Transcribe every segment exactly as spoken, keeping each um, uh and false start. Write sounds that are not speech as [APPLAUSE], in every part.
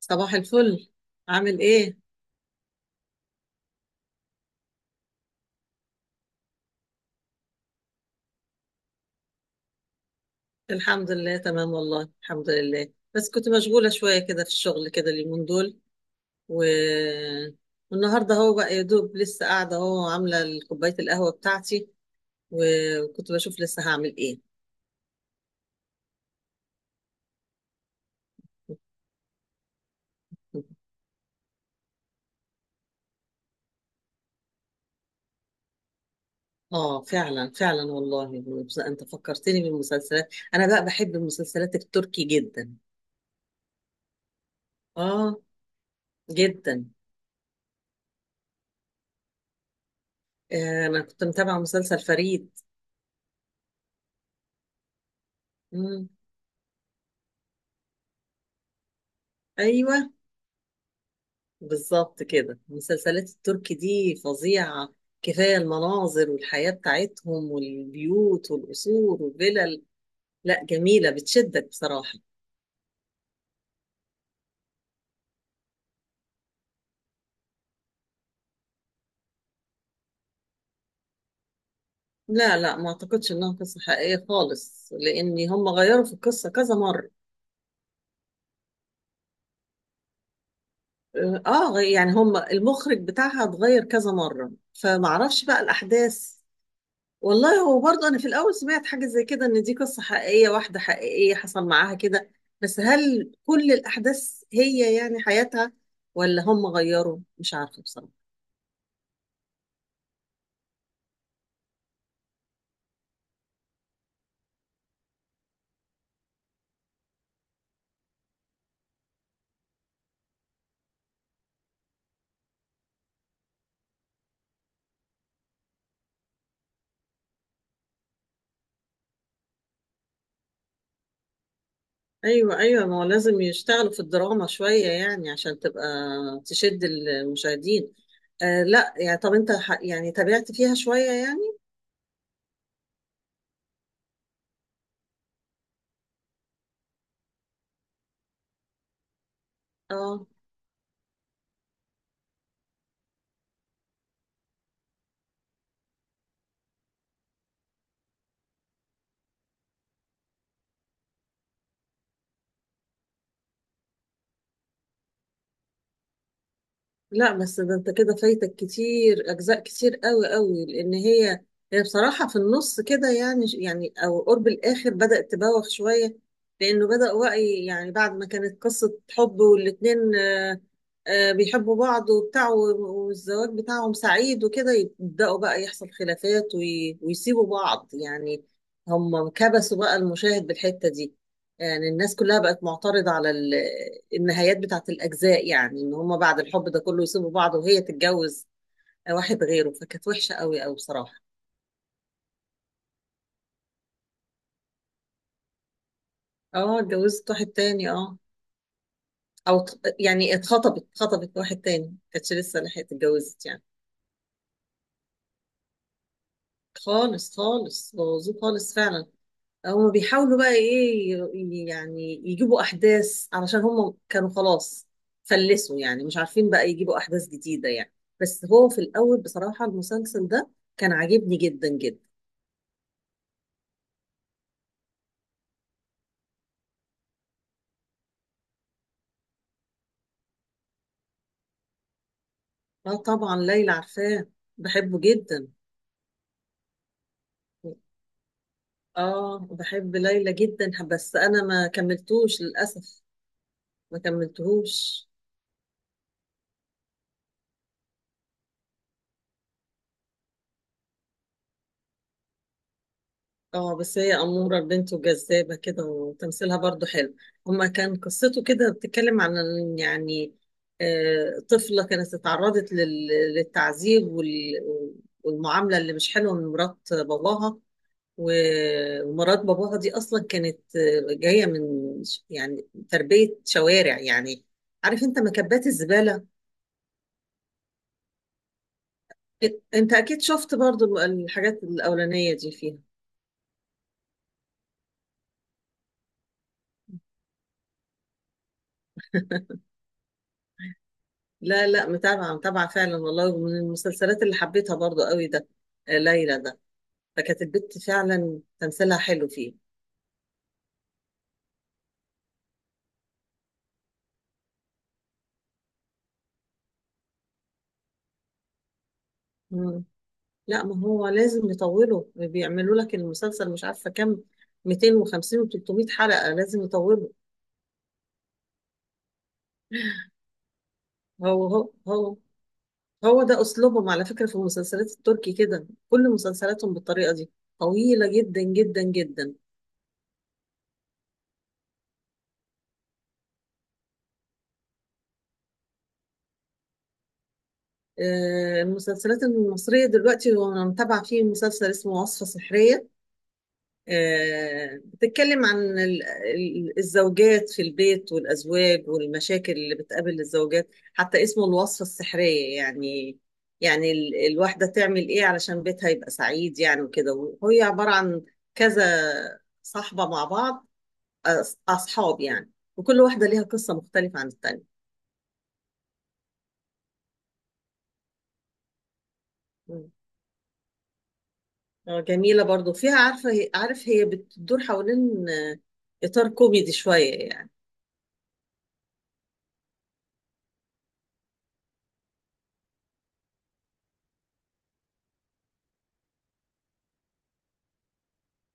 صباح الفل. عامل ايه؟ الحمد لله تمام، والله الحمد لله، بس كنت مشغولة شوية كده في الشغل كده اليومين دول. و... والنهاردة هو بقى يا دوب لسه قاعدة اهو، عاملة كوباية القهوة بتاعتي و- وكنت بشوف لسه هعمل ايه. اه فعلا فعلا والله، بس انت فكرتني بالمسلسلات، انا بقى بحب المسلسلات التركي جدا. اه، جدا. آه، انا كنت متابعة مسلسل فريد. مم. ايوه بالظبط كده، المسلسلات التركي دي فظيعة، كفاية المناظر والحياة بتاعتهم والبيوت والقصور والفلل. لا جميلة، بتشدك بصراحة. لا لا، ما اعتقدش انها قصة حقيقية خالص، لان هم غيروا في القصة كذا مرة. اه، غي- يعني هم المخرج بتاعها اتغير كذا مرة فمعرفش بقى الاحداث. والله هو برضه انا في الاول سمعت حاجه زي كده ان دي قصه حقيقيه، واحده حقيقيه حصل معاها كده، بس هل كل الاحداث هي يعني حياتها ولا هم غيروا؟ مش عارفه بصراحه. ايوه ايوه، ما هو لازم يشتغلوا في الدراما شويه يعني عشان تبقى تشد المشاهدين. آه لا، يعني طب انت ح- يعني تابعت فيها شويه يعني؟ اه. لا بس ده انت كده فايتك كتير، اجزاء كتير قوي قوي، لان هي هي بصراحه في النص كده يعني، يعني او قرب الاخر بدات تبوخ شويه. لانه بدا وعي يعني، بعد ما كانت قصه حب والاتنين آه، آه، بيحبوا بعض وبتاع و- والزواج بتاعهم سعيد وكده، يبداوا بقى يحصل خلافات وي- ويسيبوا بعض يعني. هم كبسوا بقى المشاهد بالحته دي، يعني الناس كلها بقت معترضة على ال- النهايات بتاعت الأجزاء، يعني إن هما بعد الحب ده كله يسيبوا بعض وهي تتجوز واحد غيره، فكانت وحشة قوي قوي بصراحة. اه اتجوزت واحد تاني، اه. أو ت- يعني اتخطبت اتخطبت واحد تاني، كانتش لسه لحقت اتجوزت يعني. خالص خالص، بوظوه خالص فعلا. هم بيحاولوا بقى ايه، ي- يعني يجيبوا احداث علشان هم كانوا خلاص فلسوا يعني، مش عارفين بقى يجيبوا احداث جديدة يعني. بس هو في الاول بصراحة المسلسل ده كان عاجبني جدا جدا. اه طبعا ليلى عارفاه، بحبه جدا. اه بحب ليلى جدا، بس انا ما كملتوش للاسف، ما كملتهوش. اه بس هي أمورة البنت وجذابة كده، وتمثيلها برضو حلو. هما كان قصته كده بتتكلم عن ال- يعني آه، طفلة كانت اتعرضت لل- للتعذيب وال- والمعاملة اللي مش حلوة من مرات باباها. و- ومرات باباها دي أصلا كانت آه، جاية من ش- يعني تربية شوارع يعني، عارف انت مكبات الزبالة؟ إ- انت اكيد شفت برضو الحاجات الأولانية دي فيها. لا لا، متابعة متابعة فعلا والله، ومن المسلسلات اللي حبيتها برضو قوي ده، آه، ليلى ده. فكانت البت فعلا تمثيلها حلو فيه. مم. لا ما هو لازم يطولوا، بيعملوا لك المسلسل مش عارفة كام، مئتين وخمسين و ثلاث مية حلقة، لازم يطولوا. هو هو هو هو ده أسلوبهم على فكرة، في المسلسلات التركي كده كل مسلسلاتهم بالطريقة دي، طويلة جدا جدا جدا. آه، المسلسلات المصرية دلوقتي وأنا متابعة فيه مسلسل اسمه وصفة سحرية. آه، بتتكلم عن ال- ال- الزوجات في البيت والأزواج، والمشاكل اللي بتقابل الزوجات، حتى اسمه الوصفة السحرية يعني. يعني ال- الواحدة تعمل إيه علشان بيتها يبقى سعيد يعني وكده، وهي عبارة عن كذا صاحبة مع بعض، أص- أصحاب يعني، وكل واحدة ليها قصة مختلفة عن التانية. مم. آه، جميلة برضو فيها، عارفة، عارف هي بتدور حوالين إطار كوميدي شوية يعني.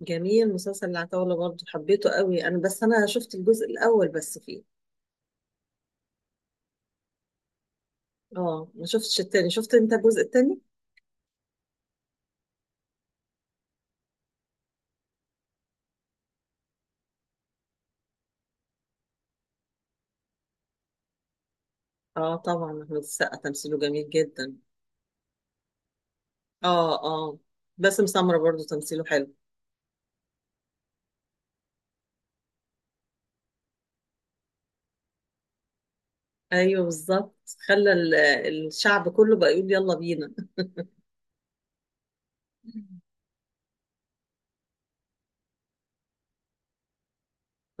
جميل مسلسل العتاولة برضه، حبيته قوي انا، بس انا شفت الجزء الاول بس فيه. اه ما شفتش التاني، شفت انت الجزء التاني؟ اه طبعا احمد السقا تمثيله جميل جدا. اه، اه. باسم سمرة برضه تمثيله حلو. ايوه بالظبط، خلى ال- الشعب كله بقى يقول يلا بينا. [LAUGHS]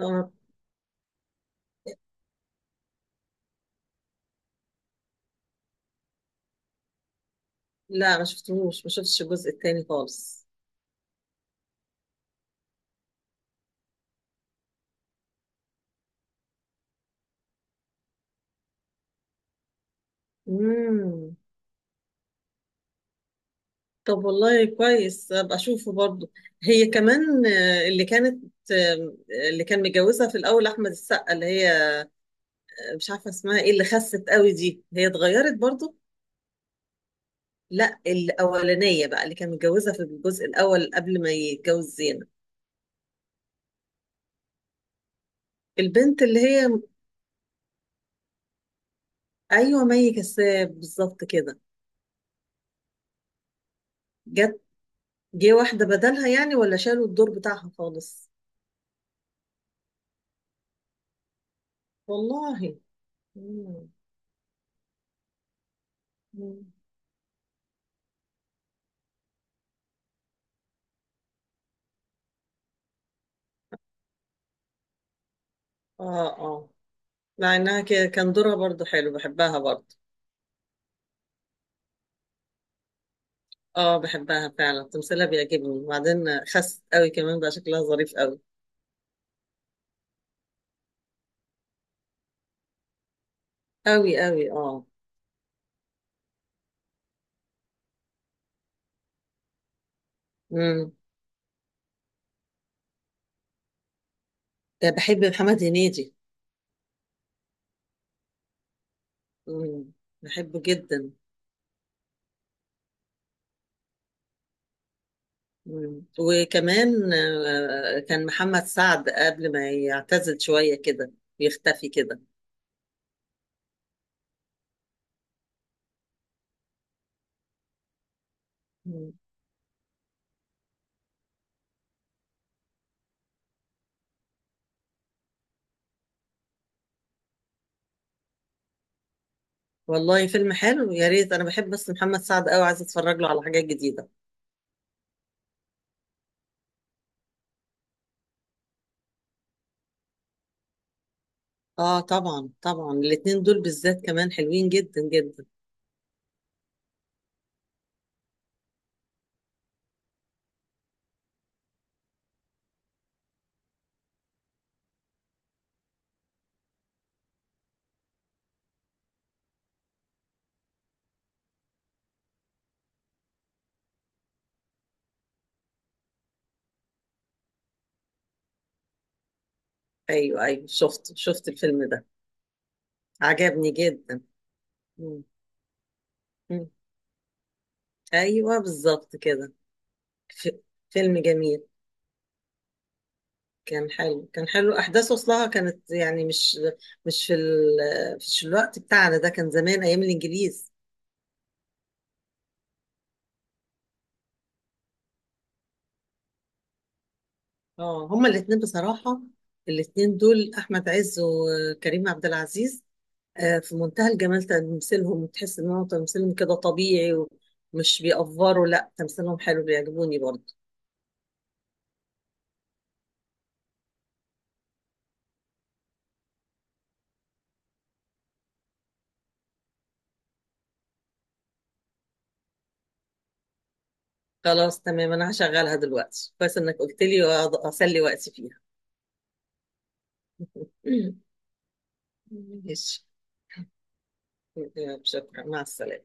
اه. لا ما شفتهوش، ما شفتش الجزء التاني خالص. امم. طب والله كويس ابقى اشوفه برضه. هي كمان آه، اللي كانت آه، اللي كان متجوزها في الاول احمد السقا، اللي هي مش عارفه اسمها ايه، اللي خست قوي دي، هي اتغيرت برضو؟ لا الاولانيه بقى، اللي كان متجوزها في الجزء الاول قبل ما يتجوز زينب. البنت اللي هي، ايوه مي كساب بالظبط كده. جت، جه واحده بدلها يعني ولا شالوا الدور بتاعها خالص؟ والله. مم. مم. اه، اه. مع انها ك- كان دورها برضو حلو، بحبها برضو. اه بحبها فعلا، تمثيلها بيعجبني، وبعدين خست قوي كمان بقى شكلها ظريف قوي. قوي قوي، اه. امم. بحب محمد هنيدي. مم. بحبه جدا. مم. وكمان آه، آه، كان محمد سعد قبل ما يعتزل شوية كده ويختفي كده. مم. والله فيلم حلو، يا ريت، انا بحب بس محمد سعد قوي، عايزه اتفرج له على حاجات جديدة. اه طبعا طبعا الاتنين دول بالذات كمان حلوين جدا جدا. ايوه ايوه شفت، شفت الفيلم ده، عجبني جدا. مم. مم. ايوه بالظبط كده. ف- فيلم جميل، كان حلو، كان حلو. احداث اصلها كانت يعني مش، مش في ال... مش الوقت بتاعنا ده، كان زمان ايام الانجليز. اه هما الاثنين بصراحه، الاثنين دول احمد عز وكريم عبد العزيز آه، في منتهى الجمال تمثيلهم، تحس ان هو تمثيلهم كده طبيعي ومش بيأفوروا، لا تمثيلهم حلو، بيعجبوني برضه. خلاص تمام، انا هشغلها دلوقتي، كويس انك قلت لي، وأقعد اسلي وقتي فيها. [CLEARS THROAT] ماشي. يلا، شكرا، مع السلامه.